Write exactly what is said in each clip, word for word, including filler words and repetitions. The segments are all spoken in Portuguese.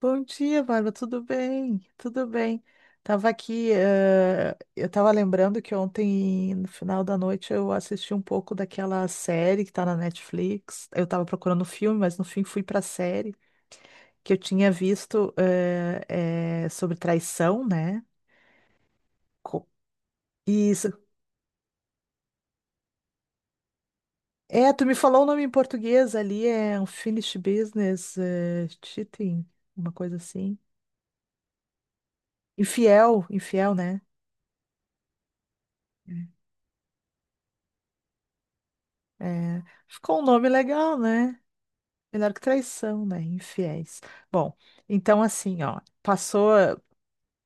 Bom dia, Bárbara. Tudo bem? Tudo bem. Tava aqui, eh, eu tava lembrando que ontem, no final da noite, eu assisti um pouco daquela série que tá na Netflix. Eu tava procurando filme, mas no fim fui pra série que eu tinha visto eh, eh, sobre traição, né? Co- Isso. É, tu me falou o nome em português ali, é Unfinished Business, eh, Cheating, uma coisa assim. Infiel, infiel, né? É, ficou um nome legal, né? Melhor que traição, né? Infiéis. Bom, então assim, ó, passou.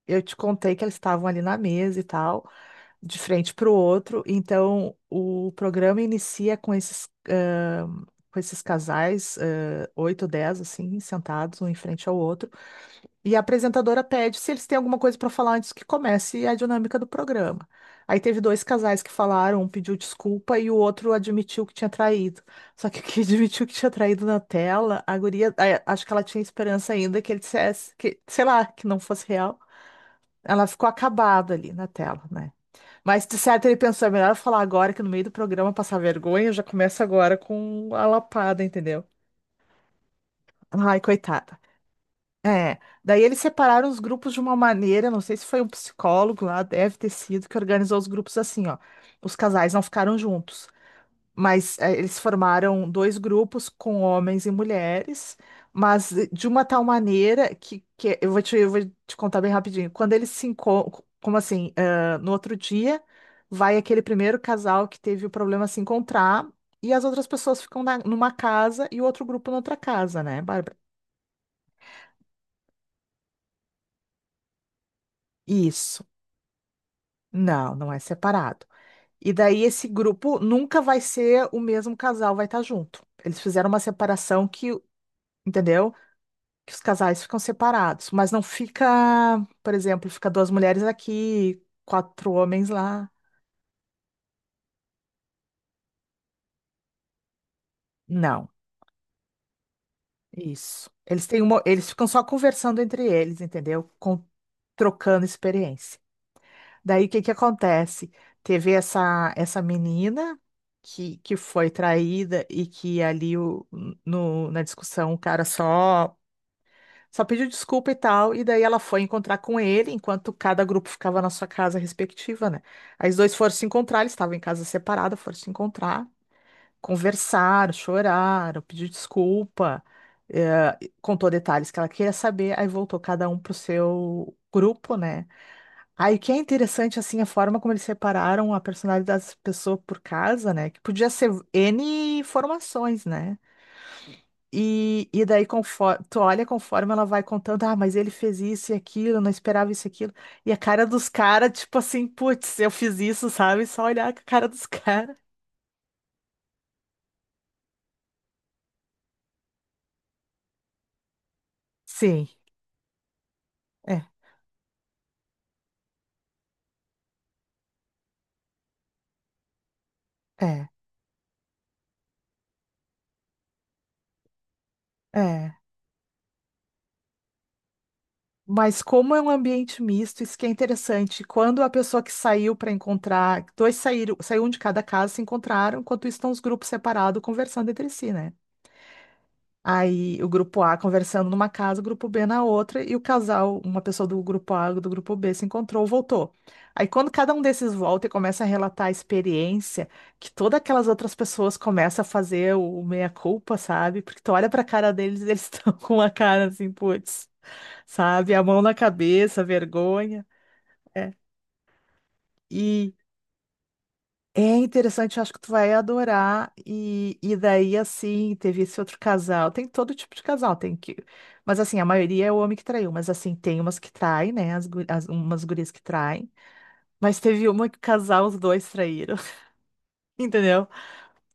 Eu te contei que eles estavam ali na mesa e tal, de frente para o outro. Então, o programa inicia com esses, ah, com esses casais, ah, oito, dez, assim, sentados, um em frente ao outro. E a apresentadora pede se eles têm alguma coisa para falar antes que comece a dinâmica do programa. Aí teve dois casais que falaram, um pediu desculpa e o outro admitiu que tinha traído. Só que o que admitiu que tinha traído na tela, a guria, a- acho que ela tinha esperança ainda que ele dissesse que, sei lá, que não fosse real. Ela ficou acabada ali na tela, né? Mas de certo ele pensou, é melhor eu falar agora que no meio do programa passar vergonha, eu já começo agora com a lapada, entendeu? Ai, coitada. É, daí eles separaram os grupos de uma maneira, não sei se foi um psicólogo lá, deve ter sido, que organizou os grupos assim, ó. Os casais não ficaram juntos, mas eh, eles formaram dois grupos com homens e mulheres, mas eh, de uma tal maneira que, que eu vou te, eu vou te contar bem rapidinho. Quando eles se encontram, como assim, ah, no outro dia, vai aquele primeiro casal que teve o problema se encontrar, e as outras pessoas ficam na- numa casa e o outro grupo na outra casa, né, Bárbara? Isso. Não, não é separado. E daí esse grupo nunca vai ser o mesmo casal, vai estar junto. Eles fizeram uma separação que, entendeu? Que os casais ficam separados, mas não fica, por exemplo, fica duas mulheres aqui, quatro homens lá. Não, isso. Eles têm uma, eles ficam só conversando entre eles, entendeu? Com- trocando experiência. Daí o que que acontece? Teve essa essa menina que, que foi traída e que ali o, no, na discussão o cara só só pediu desculpa e tal, e daí ela foi encontrar com ele, enquanto cada grupo ficava na sua casa respectiva, né? Aí os dois foram se encontrar, eles estavam em casa separada, foram se encontrar, conversaram, choraram, pediu desculpa, eh, contou detalhes que ela queria saber, aí voltou cada um pro seu grupo, né? Aí que é interessante, assim, a forma como eles separaram a personalidade das pessoas por casa, né? Que podia ser N formações, né? E, e daí conforme, tu olha conforme ela vai contando, ah, mas ele fez isso e aquilo, eu não esperava isso e aquilo. E a cara dos caras, tipo assim, putz, eu fiz isso, sabe? Só olhar a cara dos caras. Sim, é, é, é. Mas como é um ambiente misto, isso que é interessante. Quando a pessoa que saiu para encontrar, dois saíram, saiu um de cada casa, se encontraram, enquanto isso estão os grupos separados conversando entre si, né? Aí o grupo A conversando numa casa, o grupo B na outra, e o casal, uma pessoa do grupo A, do grupo B, se encontrou, voltou. Aí quando cada um desses volta e começa a relatar a experiência, que todas aquelas outras pessoas começam a fazer o meia-culpa, sabe? Porque tu olha pra cara deles, eles estão com uma cara assim, putz sabe? A mão na cabeça, vergonha. É. E é interessante, eu acho que tu vai adorar. E, e daí, assim, teve esse outro casal. Tem todo tipo de casal, tem que. Mas assim, a maioria é o homem que traiu, mas assim, tem umas que traem, né? As, gu- as- umas gurias que traem. Mas teve uma que o casal, os dois traíram, entendeu?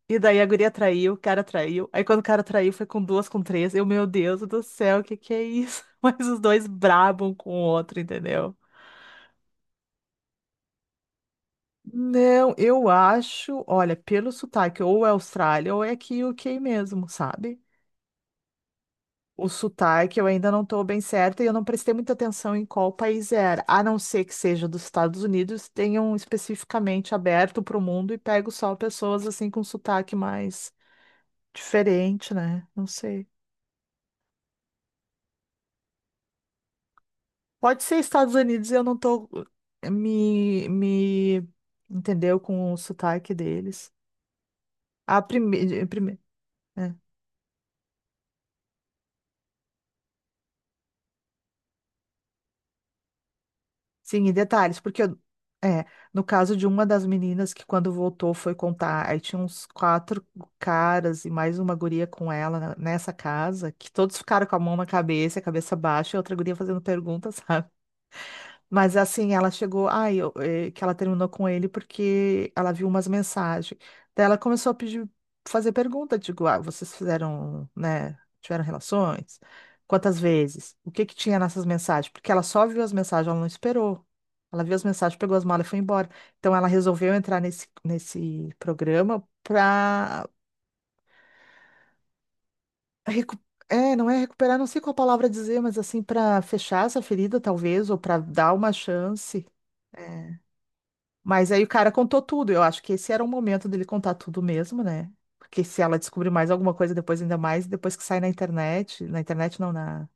E daí a guria traiu, o cara traiu. Aí quando o cara traiu, foi com duas, com três. Eu, meu Deus do céu, o que que é isso? Mas os dois brabam com o outro, entendeu? Não, eu acho, olha, pelo sotaque, ou é Austrália ou é aqui U K mesmo, sabe? O sotaque eu ainda não estou bem certa e eu não prestei muita atenção em qual país era, a não ser que seja dos Estados Unidos, tenham especificamente aberto para o mundo e pego só pessoas assim com sotaque mais diferente, né? Não sei. Pode ser Estados Unidos, eu não tô eh, me, me entendeu com o sotaque deles. A primeira. Sim, e detalhes, porque eu- é, no caso de uma das meninas que quando voltou foi contar, aí tinha uns quatro caras e mais uma guria com ela na- nessa casa, que todos ficaram com a mão na cabeça, a cabeça baixa, e outra guria fazendo perguntas, sabe? Mas assim, ela chegou, ai, eu- eh, que ela terminou com ele porque ela viu umas mensagens. Daí ela começou a pedir, fazer pergunta, digo, ah, vocês fizeram, né, tiveram relações? Quantas vezes? O que que tinha nessas mensagens? Porque ela só viu as mensagens, ela não esperou. Ela viu as mensagens, pegou as malas e foi embora. Então ela resolveu entrar nesse, nesse programa para recu- É, não é recuperar, não sei qual palavra dizer, mas assim, para fechar essa ferida, talvez, ou para dar uma chance. É. Mas aí o cara contou tudo. Eu acho que esse era o momento dele contar tudo mesmo, né? Porque se ela descobrir mais alguma coisa depois, ainda mais, depois que sai na internet, na internet não, na,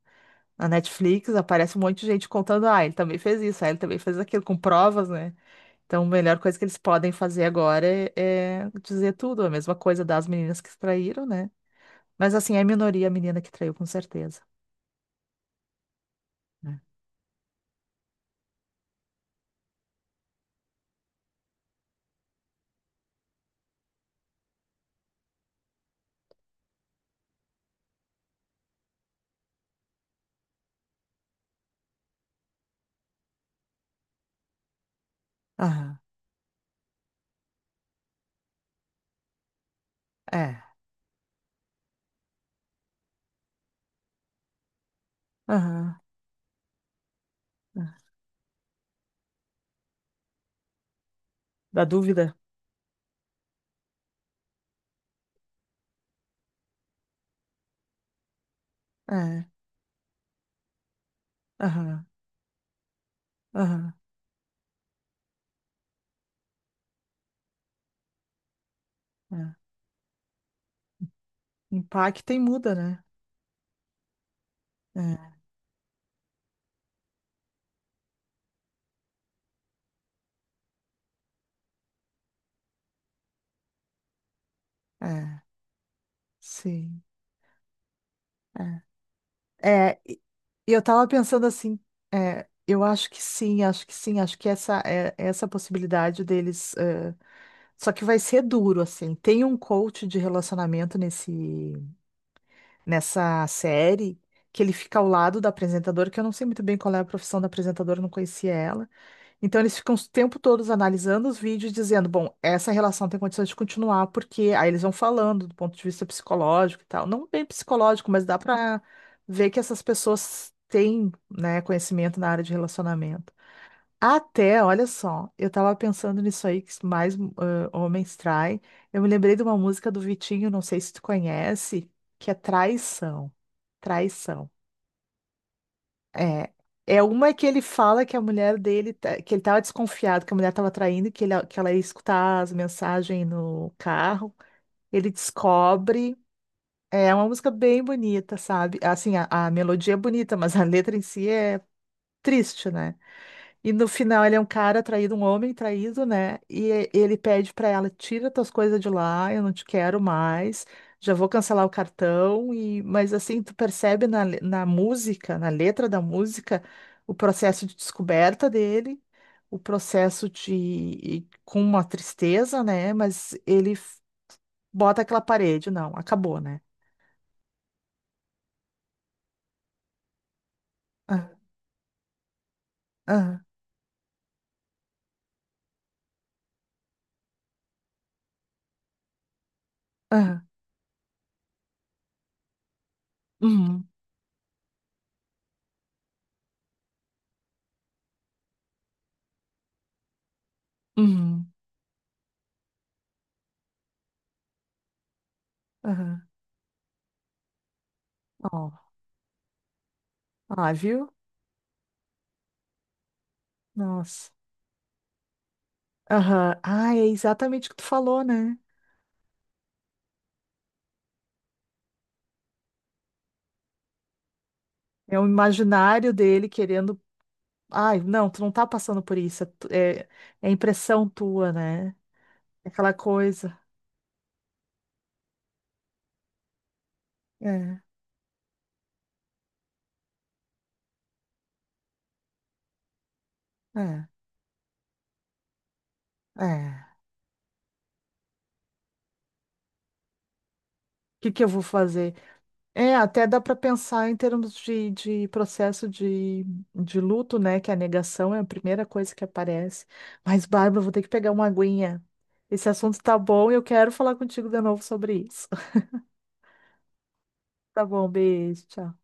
na Netflix, aparece um monte de gente contando, ah, ele também fez isso, ah, ele também fez aquilo, com provas, né? Então, a melhor coisa que eles podem fazer agora é, é dizer tudo, a mesma coisa das meninas que traíram, né? Mas assim, é minoria a menina que traiu, com certeza. Né? Aham, é. Aham. É. Da dúvida? É. Aham. Aham. É. Impacta e muda, né? É, é, sim. É. É, e e eu tava pensando assim, é, eu acho que sim, acho que sim, acho que essa é essa possibilidade deles. É, só que vai ser duro, assim. Tem um coach de relacionamento nesse, nessa série que ele fica ao lado da apresentadora, que eu não sei muito bem qual é a profissão da apresentadora, não conhecia ela. Então eles ficam o tempo todos analisando os vídeos, dizendo, bom, essa relação tem condições de continuar, porque aí eles vão falando do ponto de vista psicológico e tal. Não bem psicológico, mas dá para ver que essas pessoas têm, né, conhecimento na área de relacionamento. Até, olha só, eu tava pensando nisso aí que mais ãh, homens traem. Eu me lembrei de uma música do Vitinho, não sei se tu conhece, que é Traição. Traição. É, é uma que ele fala que a mulher dele, tá- que ele estava desconfiado que a mulher estava traindo, que, ele, que ela ia escutar as mensagens no carro. Ele descobre. É uma música bem bonita, sabe? Assim, a, a melodia é bonita, mas a letra em si é triste, né? E no final ele é um cara traído, um homem traído, né? E e- ele pede pra ela, tira tuas coisas de lá, eu não te quero mais, já vou cancelar o cartão. E mas assim, tu percebe na, le- na música, na letra da música, o processo de descoberta dele, o processo de e com uma tristeza, né? Mas ele f- bota aquela parede, não, acabou, né? Ah, ah, ah, uhum, uhum, aham. Ó, ah, viu? Nossa. Aham. Ah, é exatamente o que tu falou, né? É o imaginário dele querendo. Ai, não, tu não tá passando por isso. É, tu- é, é impressão tua, né? Aquela coisa. É, é, é. O que que eu vou fazer? É, até dá para pensar em termos de, de processo de, de luto, né? Que a negação é a primeira coisa que aparece. Mas, Bárbara, vou ter que pegar uma aguinha. Esse assunto tá bom e eu quero falar contigo de novo sobre isso. Tá bom, beijo, tchau.